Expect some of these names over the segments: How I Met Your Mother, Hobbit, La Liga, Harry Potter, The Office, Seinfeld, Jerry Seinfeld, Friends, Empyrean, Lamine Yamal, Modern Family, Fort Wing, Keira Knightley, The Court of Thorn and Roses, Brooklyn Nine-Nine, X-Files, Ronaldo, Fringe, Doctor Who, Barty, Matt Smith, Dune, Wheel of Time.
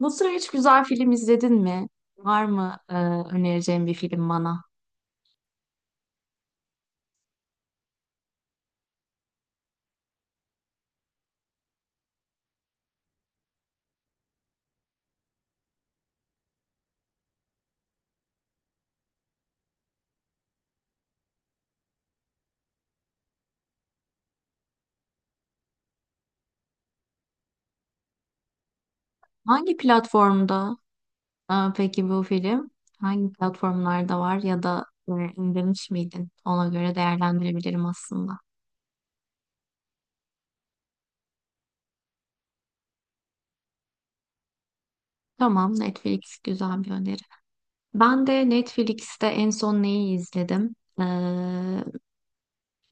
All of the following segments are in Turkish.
Bu sıra hiç güzel film izledin mi? Var mı önereceğin bir film bana? Hangi platformda peki bu film? Hangi platformlarda var ya da indirmiş miydin? Ona göre değerlendirebilirim aslında. Tamam, Netflix güzel bir öneri. Ben de Netflix'te en son neyi izledim? E,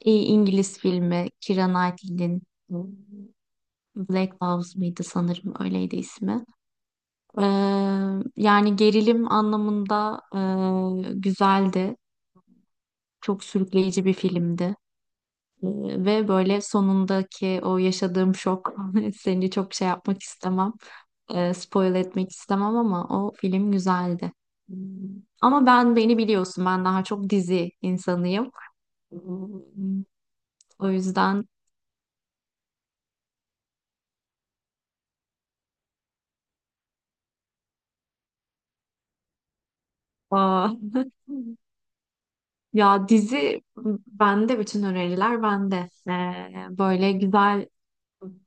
iyi İngiliz filmi Keira Knightley'nin e, Black Loves mıydı sanırım öyleydi ismi. Eee, Yani gerilim anlamında güzeldi. Çok sürükleyici bir filmdi. Ve böyle sonundaki o yaşadığım şok seni çok şey yapmak istemem. Spoil etmek istemem ama o film güzeldi. Hmm. Ama ben beni biliyorsun, ben daha çok dizi insanıyım. Hmm. O yüzden aa, ya dizi bütün öneriler bende. Böyle güzel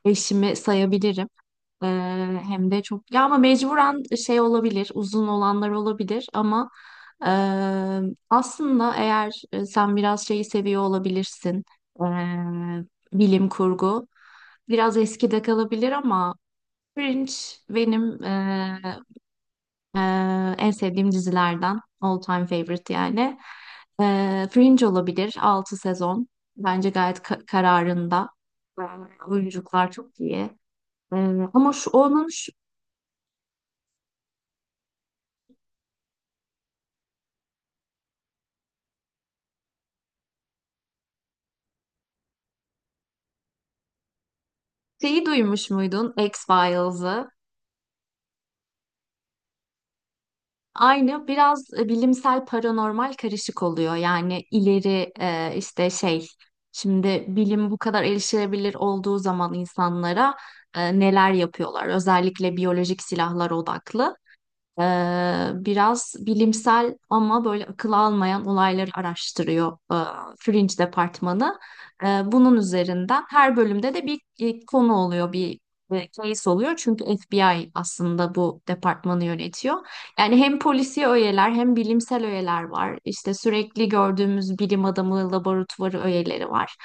eşimi sayabilirim. Ee, Hem de çok ya ama mecburen şey olabilir uzun olanlar olabilir ama e, aslında eğer sen biraz şeyi seviyor olabilirsin, e, bilim kurgu biraz eskide kalabilir ama Fringe benim e, en sevdiğim dizilerden, all time favorite yani. Fringe olabilir, 6 sezon bence gayet kararında. E, Oyunculuklar çok iyi. Ama şu onun şeyi duymuş muydun, X-Files'ı? Aynı biraz bilimsel paranormal karışık oluyor. Yani ileri işte şey, şimdi bilim bu kadar erişilebilir olduğu zaman insanlara neler yapıyorlar? Özellikle biyolojik silahlar odaklı. Biraz bilimsel ama böyle akıl almayan olayları araştırıyor Fringe departmanı. Bunun üzerinden her bölümde de bir konu oluyor, bir case oluyor. Çünkü FBI aslında bu departmanı yönetiyor. Yani hem polisi öğeler hem bilimsel öğeler var. İşte sürekli gördüğümüz bilim adamı laboratuvarı öğeleri var.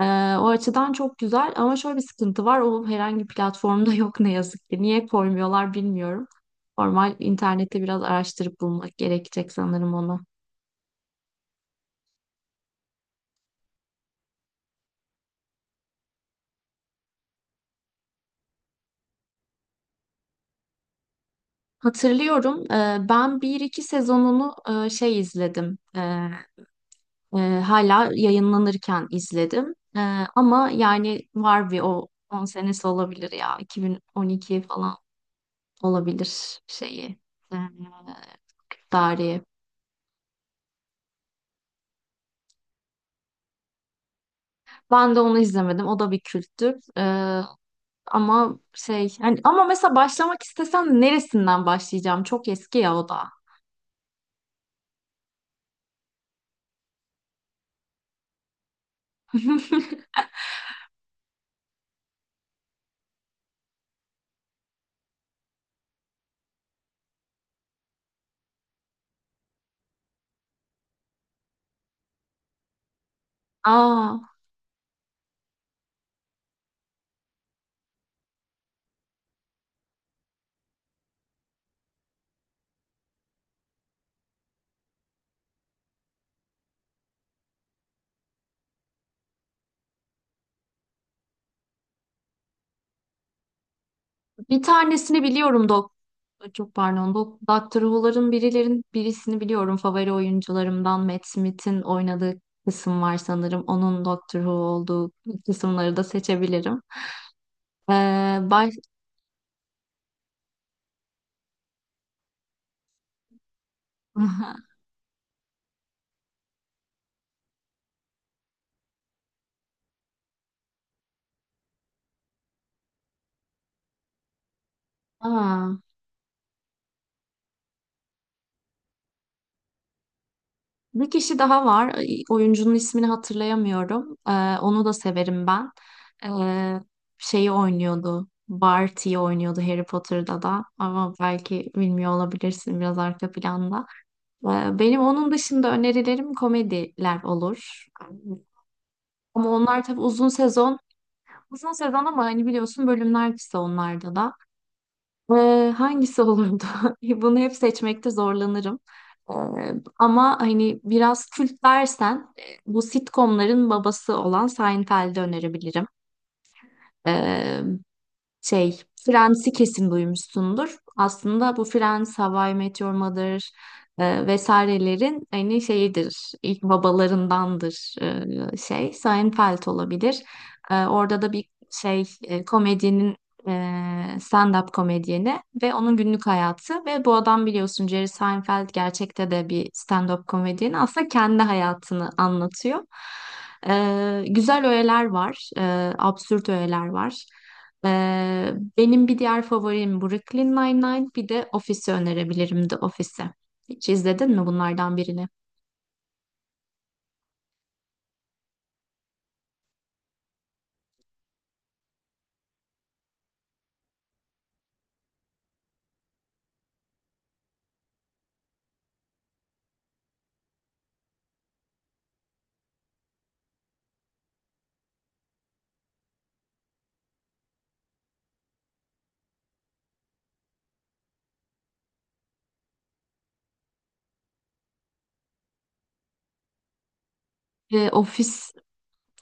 Ee, O açıdan çok güzel ama şöyle bir sıkıntı var. O herhangi bir platformda yok ne yazık ki. Niye koymuyorlar bilmiyorum. Normal internette biraz araştırıp bulmak gerekecek sanırım onu. Hatırlıyorum, ben bir iki sezonunu izledim. Hala yayınlanırken izledim. Ama yani var bir o 10 senesi olabilir ya. 2012 falan olabilir şeyi. E, Dariye. Ben de onu izlemedim. O da bir kültür. Ama şey yani ama mesela başlamak istesem neresinden başlayacağım? Çok eski ya o da. Aa. Bir tanesini biliyorum dok çok pardon, Doctor Who'ların birilerin birisini biliyorum. Favori oyuncularımdan Matt Smith'in oynadığı kısım var sanırım. Onun Doctor Who olduğu kısımları da seçebilirim. Ee, baş... Aa, bir kişi daha var. Ay, oyuncunun ismini hatırlayamıyorum. Onu da severim ben. Ee, Şeyi oynuyordu, Barty'yi oynuyordu Harry Potter'da da ama belki bilmiyor olabilirsin, biraz arka planda. Benim onun dışında önerilerim komediler olur. Ama onlar tabii uzun sezon. Uzun sezon ama hani biliyorsun bölümler kısa onlarda da. Hangisi olurdu? Bunu hep seçmekte zorlanırım. Ee, Ama hani biraz kült dersen, bu sitcomların babası olan Seinfeld'i önerebilirim. Ee, Şey, Friends'i kesin duymuşsundur. Aslında bu Friends, How I Met Your Mother vesairelerin aynı şeyidir. İlk babalarındandır. Seinfeld olabilir. Orada da bir şey e, komedyenin e, stand-up komedyeni ve onun günlük hayatı, ve bu adam biliyorsun Jerry Seinfeld gerçekte de bir stand-up komedyeni, aslında kendi hayatını anlatıyor. Güzel öğeler var, absürt öğeler var. Benim bir diğer favorim Brooklyn Nine-Nine. Bir de Office'i önerebilirim, The Office'i. Hiç izledin mi bunlardan birini? Ee, Office,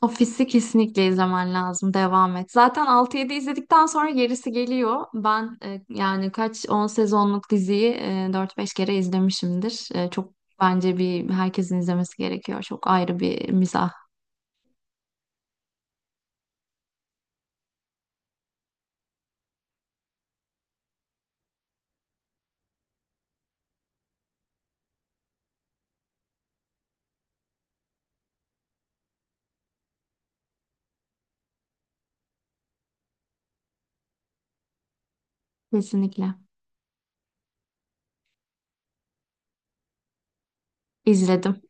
Office'i kesinlikle izlemen lazım. Devam et. Zaten altı yedi izledikten sonra gerisi geliyor. Ben yani kaç 10 sezonluk diziyi 4-5 kere izlemişimdir. Çok bence, bir herkesin izlemesi gerekiyor. Çok ayrı bir mizah. Kesinlikle. İzledim.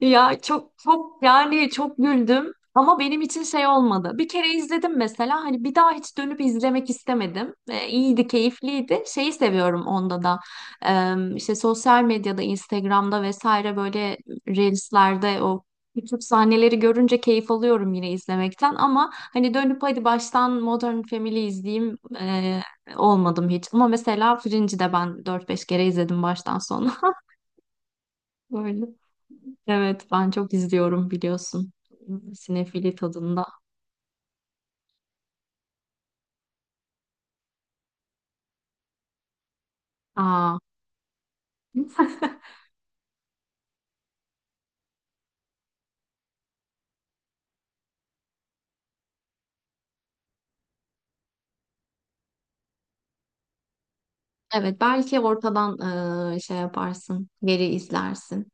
Ya çok çok yani çok güldüm ama benim için şey olmadı. Bir kere izledim mesela, hani bir daha hiç dönüp izlemek istemedim. İyiydi, keyifliydi. Şeyi seviyorum onda da. İşte sosyal medyada, Instagram'da vesaire, böyle Reels'lerde o küçük sahneleri görünce keyif alıyorum yine izlemekten ama hani dönüp hadi baştan Modern Family izleyeyim olmadım hiç. Ama mesela Fringe'i de ben dört beş kere izledim baştan sona. Böyle. Evet, ben çok izliyorum biliyorsun. Sinefili tadında. Aa. Evet, belki ortadan şey yaparsın, geri izlersin.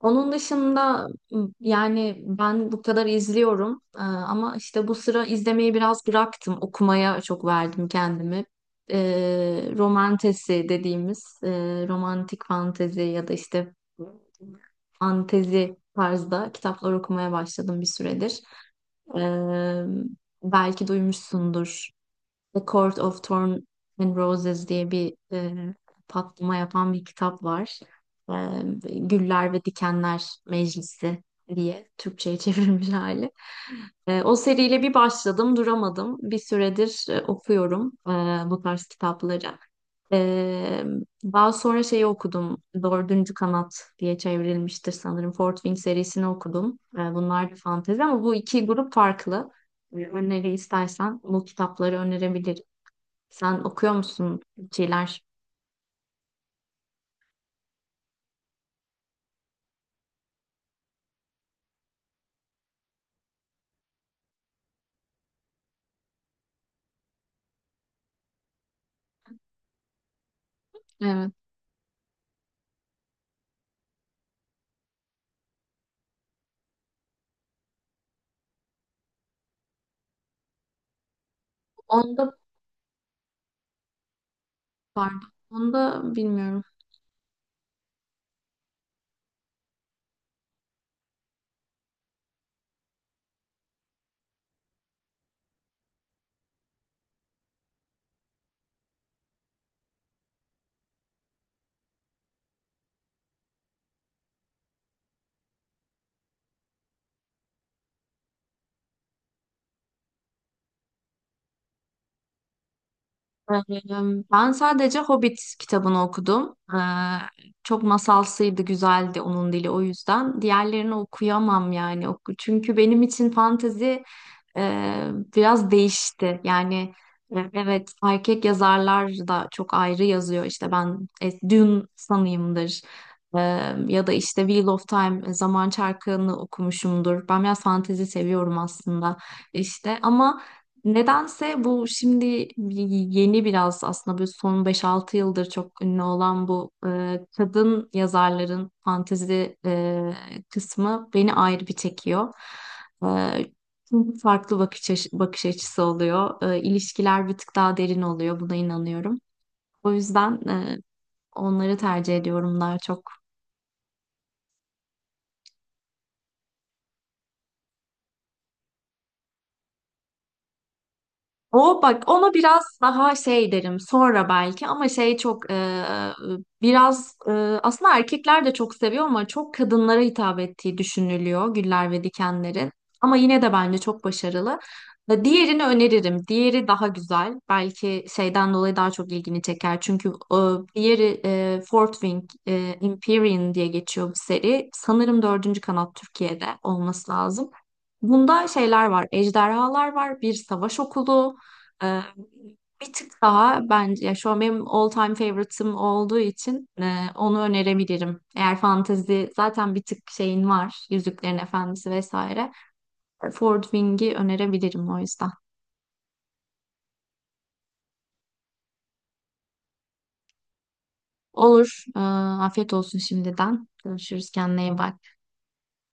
Onun dışında yani ben bu kadar izliyorum. Ama işte bu sıra izlemeyi biraz bıraktım. Okumaya çok verdim kendimi. Romantesi dediğimiz, romantik fantezi ya da işte fantezi tarzda kitaplar okumaya başladım bir süredir. Ee, Belki duymuşsundur. The Court of Thorn and Roses diye bir, patlama yapan bir kitap var. E, Güller ve Dikenler Meclisi diye Türkçe'ye çevrilmiş hali. O seriyle bir başladım, duramadım. Bir süredir okuyorum bu tarz kitapları. E, Daha sonra şeyi okudum, Dördüncü Kanat diye çevrilmiştir sanırım. Fort Wing serisini okudum. Bunlar da fantezi ama bu iki grup farklı. Öneri istersen bu kitapları önerebilirim. Sen okuyor musun bir şeyler? Evet. Onda pardon. Onda bilmiyorum. Ben sadece Hobbit kitabını okudum. Çok masalsıydı, güzeldi onun dili, o yüzden. Diğerlerini okuyamam yani. Çünkü benim için fantezi e, biraz değişti. Yani evet erkek yazarlar da çok ayrı yazıyor. İşte ben Dune sanıyımdır. Ee, Ya da işte Wheel of Time, Zaman Çarkı'nı okumuşumdur. Ben biraz fantezi seviyorum aslında işte ama nedense bu şimdi yeni biraz, aslında bir son beş altı yıldır çok ünlü olan bu kadın yazarların fantezi kısmı beni ayrı bir çekiyor. E, Çünkü farklı bakış açısı oluyor. İlişkiler bir tık daha derin oluyor. Buna inanıyorum. O yüzden onları tercih ediyorum daha çok. O, bak ona biraz daha şey derim sonra belki ama şey çok biraz aslında erkekler de çok seviyor ama çok kadınlara hitap ettiği düşünülüyor Güller ve Dikenler'in. Ama yine de bence çok başarılı. Diğerini öneririm. Diğeri daha güzel. Belki şeyden dolayı daha çok ilgini çeker. Çünkü diğeri, Fort Wing, Empyrean diye geçiyor bu seri. Sanırım Dördüncü Kanat Türkiye'de olması lazım. Bunda şeyler var. Ejderhalar var, bir savaş okulu, ee, bir tık daha bence, ya şu an benim all time favorite'ım olduğu için onu önerebilirim. Eğer fantezi zaten bir tık şeyin var, Yüzüklerin Efendisi vesaire. Ford Wing'i önerebilirim o yüzden. Olur. Afiyet olsun şimdiden. Görüşürüz. Kendine iyi bak.